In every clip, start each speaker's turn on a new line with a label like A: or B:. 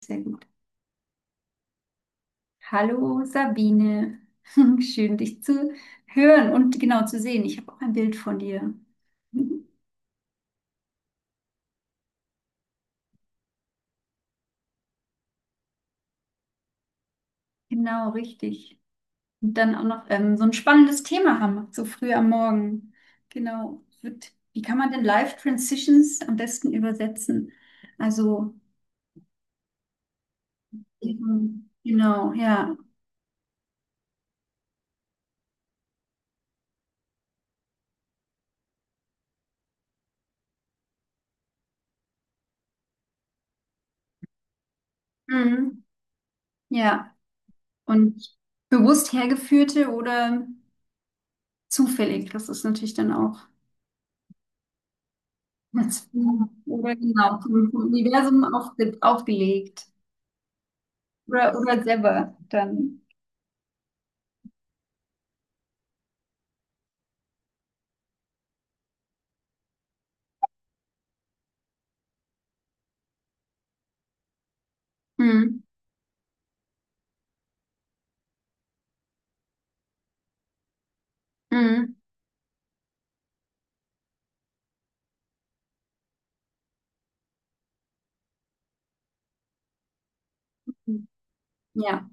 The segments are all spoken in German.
A: Sehr gut. Hallo Sabine, schön dich zu hören und genau zu sehen. Ich habe auch ein Bild von dir. Mhm. Genau, richtig. Und dann auch noch so ein spannendes Thema haben, so früh am Morgen. Genau. Wird, wie kann man denn Life Transitions am besten übersetzen? Also, genau, ja. Mhm. Ja. Und bewusst hergeführte oder zufällig, das ist natürlich dann auch. Als- Oder genau, vom Universum aufgelegt. Oder selber dann. Mhm. Mhm. Ja.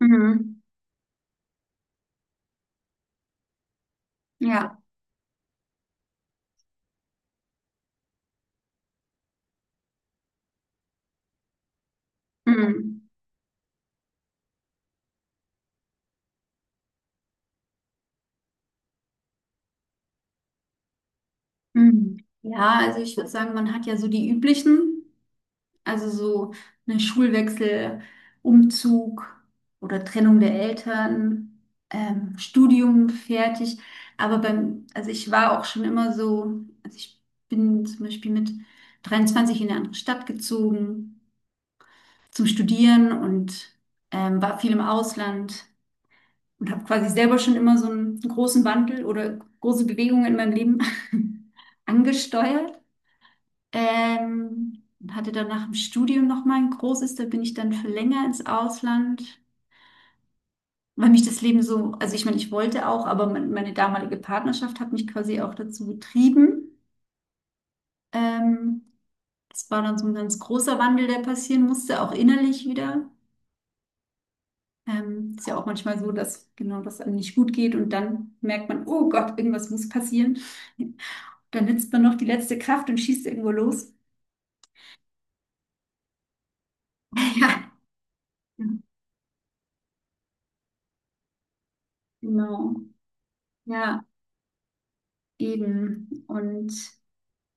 A: Mhm. Ja. Mhm. Mhm. Ja, also ich würde sagen, man hat ja so die üblichen, also so eine Schulwechsel, Umzug oder Trennung der Eltern, Studium fertig. Aber beim, also ich war auch schon immer so, also ich bin zum Beispiel mit 23 in eine andere Stadt gezogen zum Studieren und war viel im Ausland und habe quasi selber schon immer so einen großen Wandel oder große Bewegungen in meinem Leben angesteuert. Und hatte dann nach dem Studium nochmal ein großes, da bin ich dann für länger ins Ausland, weil mich das Leben so, also ich meine, ich wollte auch, aber mein, meine damalige Partnerschaft hat mich quasi auch dazu getrieben. Ähm, Das war dann so ein ganz großer Wandel, der passieren musste, auch innerlich wieder. Ist ja auch manchmal so, dass genau das einem nicht gut geht und dann merkt man, oh Gott, irgendwas muss passieren. Dann nützt man noch die letzte Kraft und schießt irgendwo los. Ja. Genau. Ja, eben. Und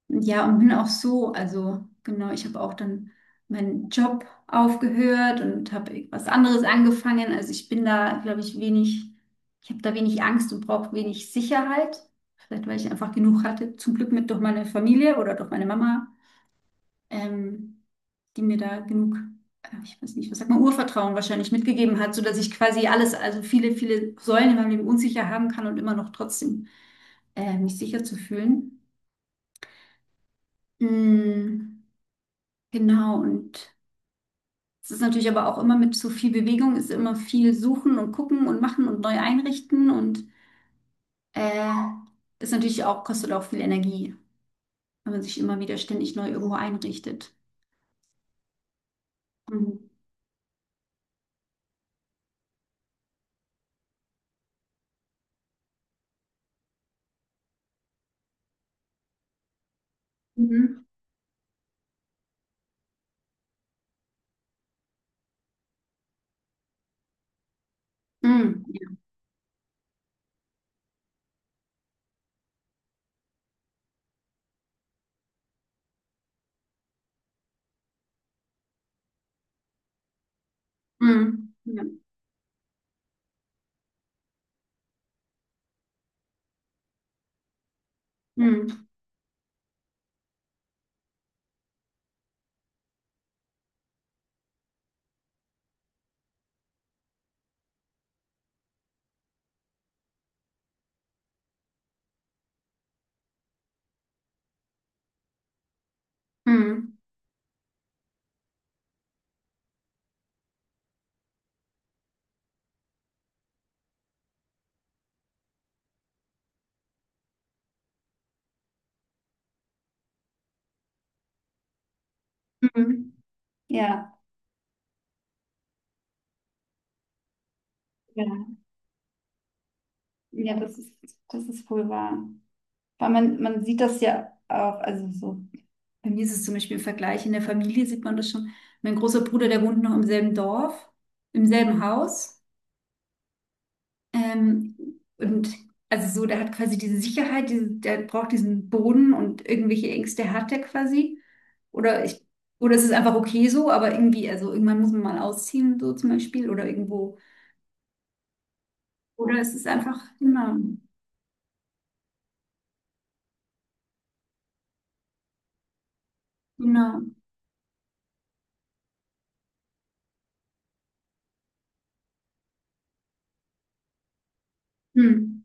A: ja, und bin auch so, also genau, ich habe auch dann meinen Job aufgehört und habe irgendwas anderes angefangen. Also ich bin da, glaube ich, wenig, ich habe da wenig Angst und brauche wenig Sicherheit. Vielleicht, weil ich einfach genug hatte, zum Glück mit durch meine Familie oder durch meine Mama. ähm, Die mir da genug, ich weiß nicht, was sagt man, Urvertrauen wahrscheinlich mitgegeben hat, sodass ich quasi alles, also viele Säulen in meinem Leben unsicher haben kann und immer noch trotzdem mich sicher zu fühlen. Mm, genau, und es ist natürlich aber auch immer mit so viel Bewegung, ist immer viel suchen und gucken und machen und neu einrichten und äh, ist natürlich auch, kostet auch viel Energie, wenn man sich immer wieder ständig neu irgendwo einrichtet. Mhm. Mhm. Mhm. Ja. Mhm. Ja. Mhm. Mhm. Mhm. Ja, ja, ja, das ist wohl wahr. Weil man sieht das ja auch, also so, bei mir ist es zum Beispiel im Vergleich, in der Familie sieht man das schon. Mein großer Bruder, der wohnt noch im selben Dorf, im selben Haus. Ähm, und also so, der hat quasi diese Sicherheit, diese, der braucht diesen Boden und irgendwelche Ängste hat er quasi. Oder ich, oder es ist einfach okay so, aber irgendwie, also irgendwann muss man mal ausziehen, so zum Beispiel, oder irgendwo. Oder es ist einfach, genau, genau. Hm.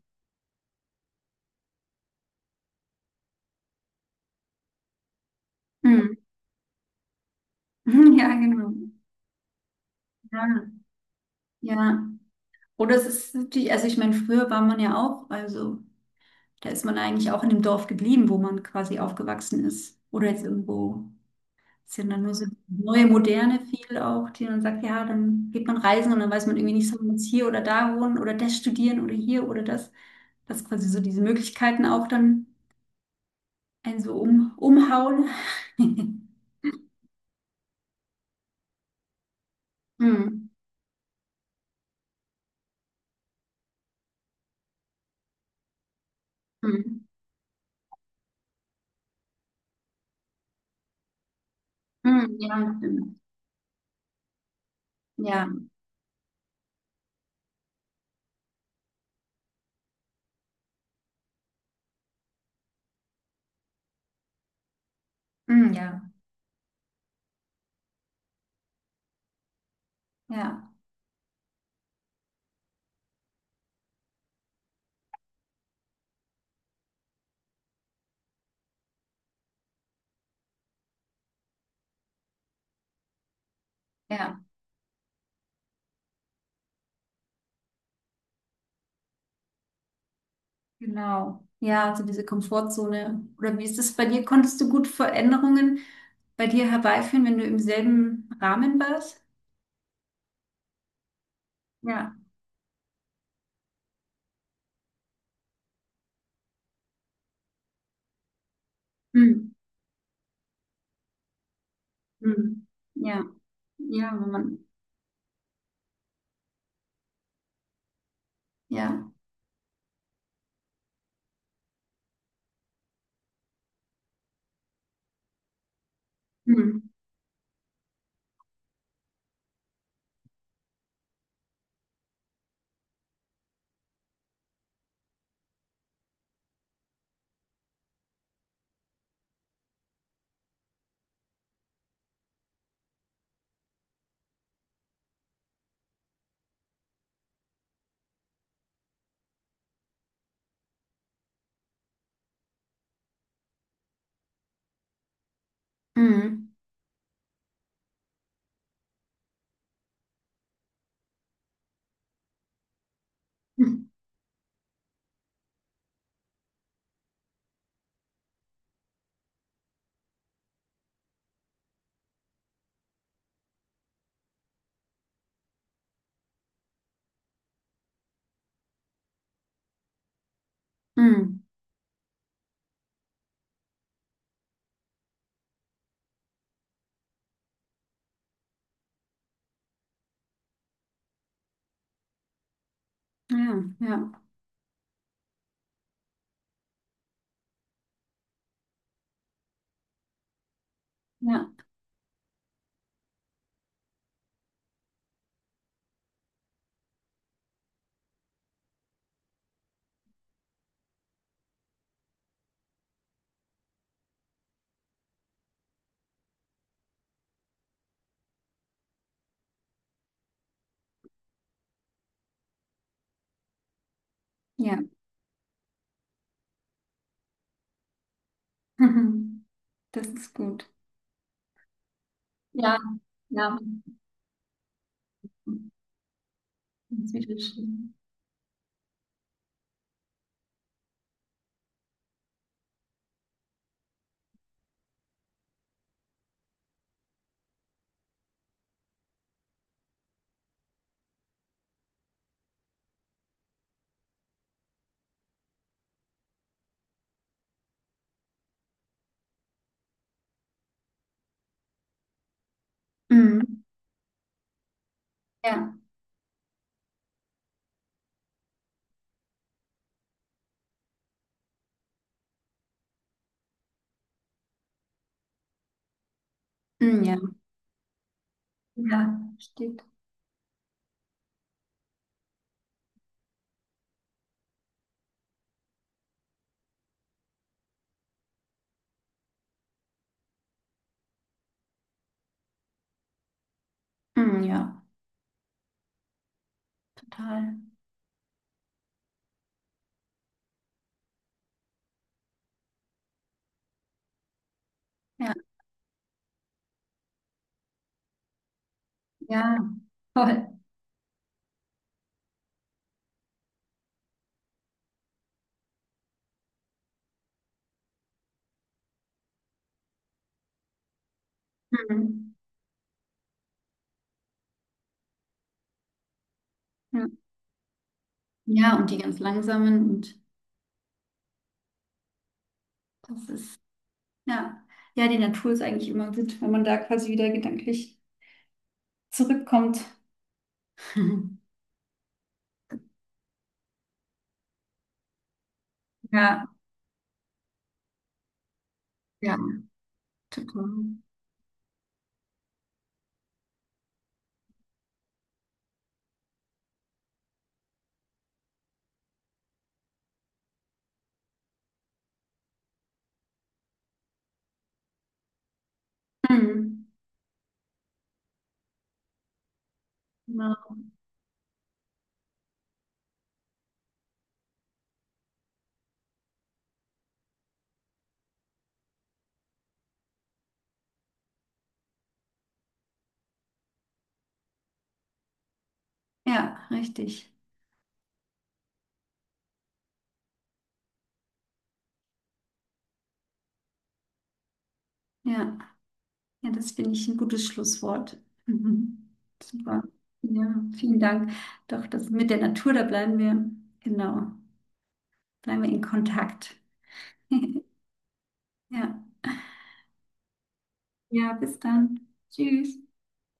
A: Hm. Ja, genau. Ja, ja. Oder es ist natürlich, also ich meine, früher war man ja auch, also da ist man eigentlich auch in dem Dorf geblieben, wo man quasi aufgewachsen ist. Oder jetzt irgendwo sind dann nur so neue Moderne viel auch, die dann sagt, ja, dann geht man reisen und dann weiß man irgendwie nicht, soll man jetzt hier oder da wohnen oder das studieren oder hier oder das. Dass quasi so diese Möglichkeiten auch dann einen so umhauen. Hm. Hm. Hm. Ja, stimmt. Ja, hm, ja, ja. Ja, genau. Ja, also diese Komfortzone. Oder wie ist das bei dir? Konntest du gut Veränderungen bei dir herbeiführen, wenn du im selben Rahmen warst? Ja. Hm. Hm. Ja, ja, wenn man, ja. Hm. Hm. Hm. Hm. Ja, ja, ja, ja. Mhm. Das ist gut. Ja, ja. Das ist wieder schön. Hm. Ja, hm, ja. Ja, steht. Hm, ja, total. Ja, ja, toll. Hm. Hm. Ja, und die ganz langsamen und das ist, ja, ja, die Natur ist eigentlich immer gut, wenn man da quasi wieder gedanklich zurückkommt. Ja, ja, total. Mhm. Genau. Ja, richtig. Ja, ja, das finde ich ein gutes Schlusswort. Mhm. Super. Ja, vielen Dank. Doch, das mit der Natur, da bleiben wir, genau, bleiben wir in Kontakt. Ja, ja, bis dann. Tschüss.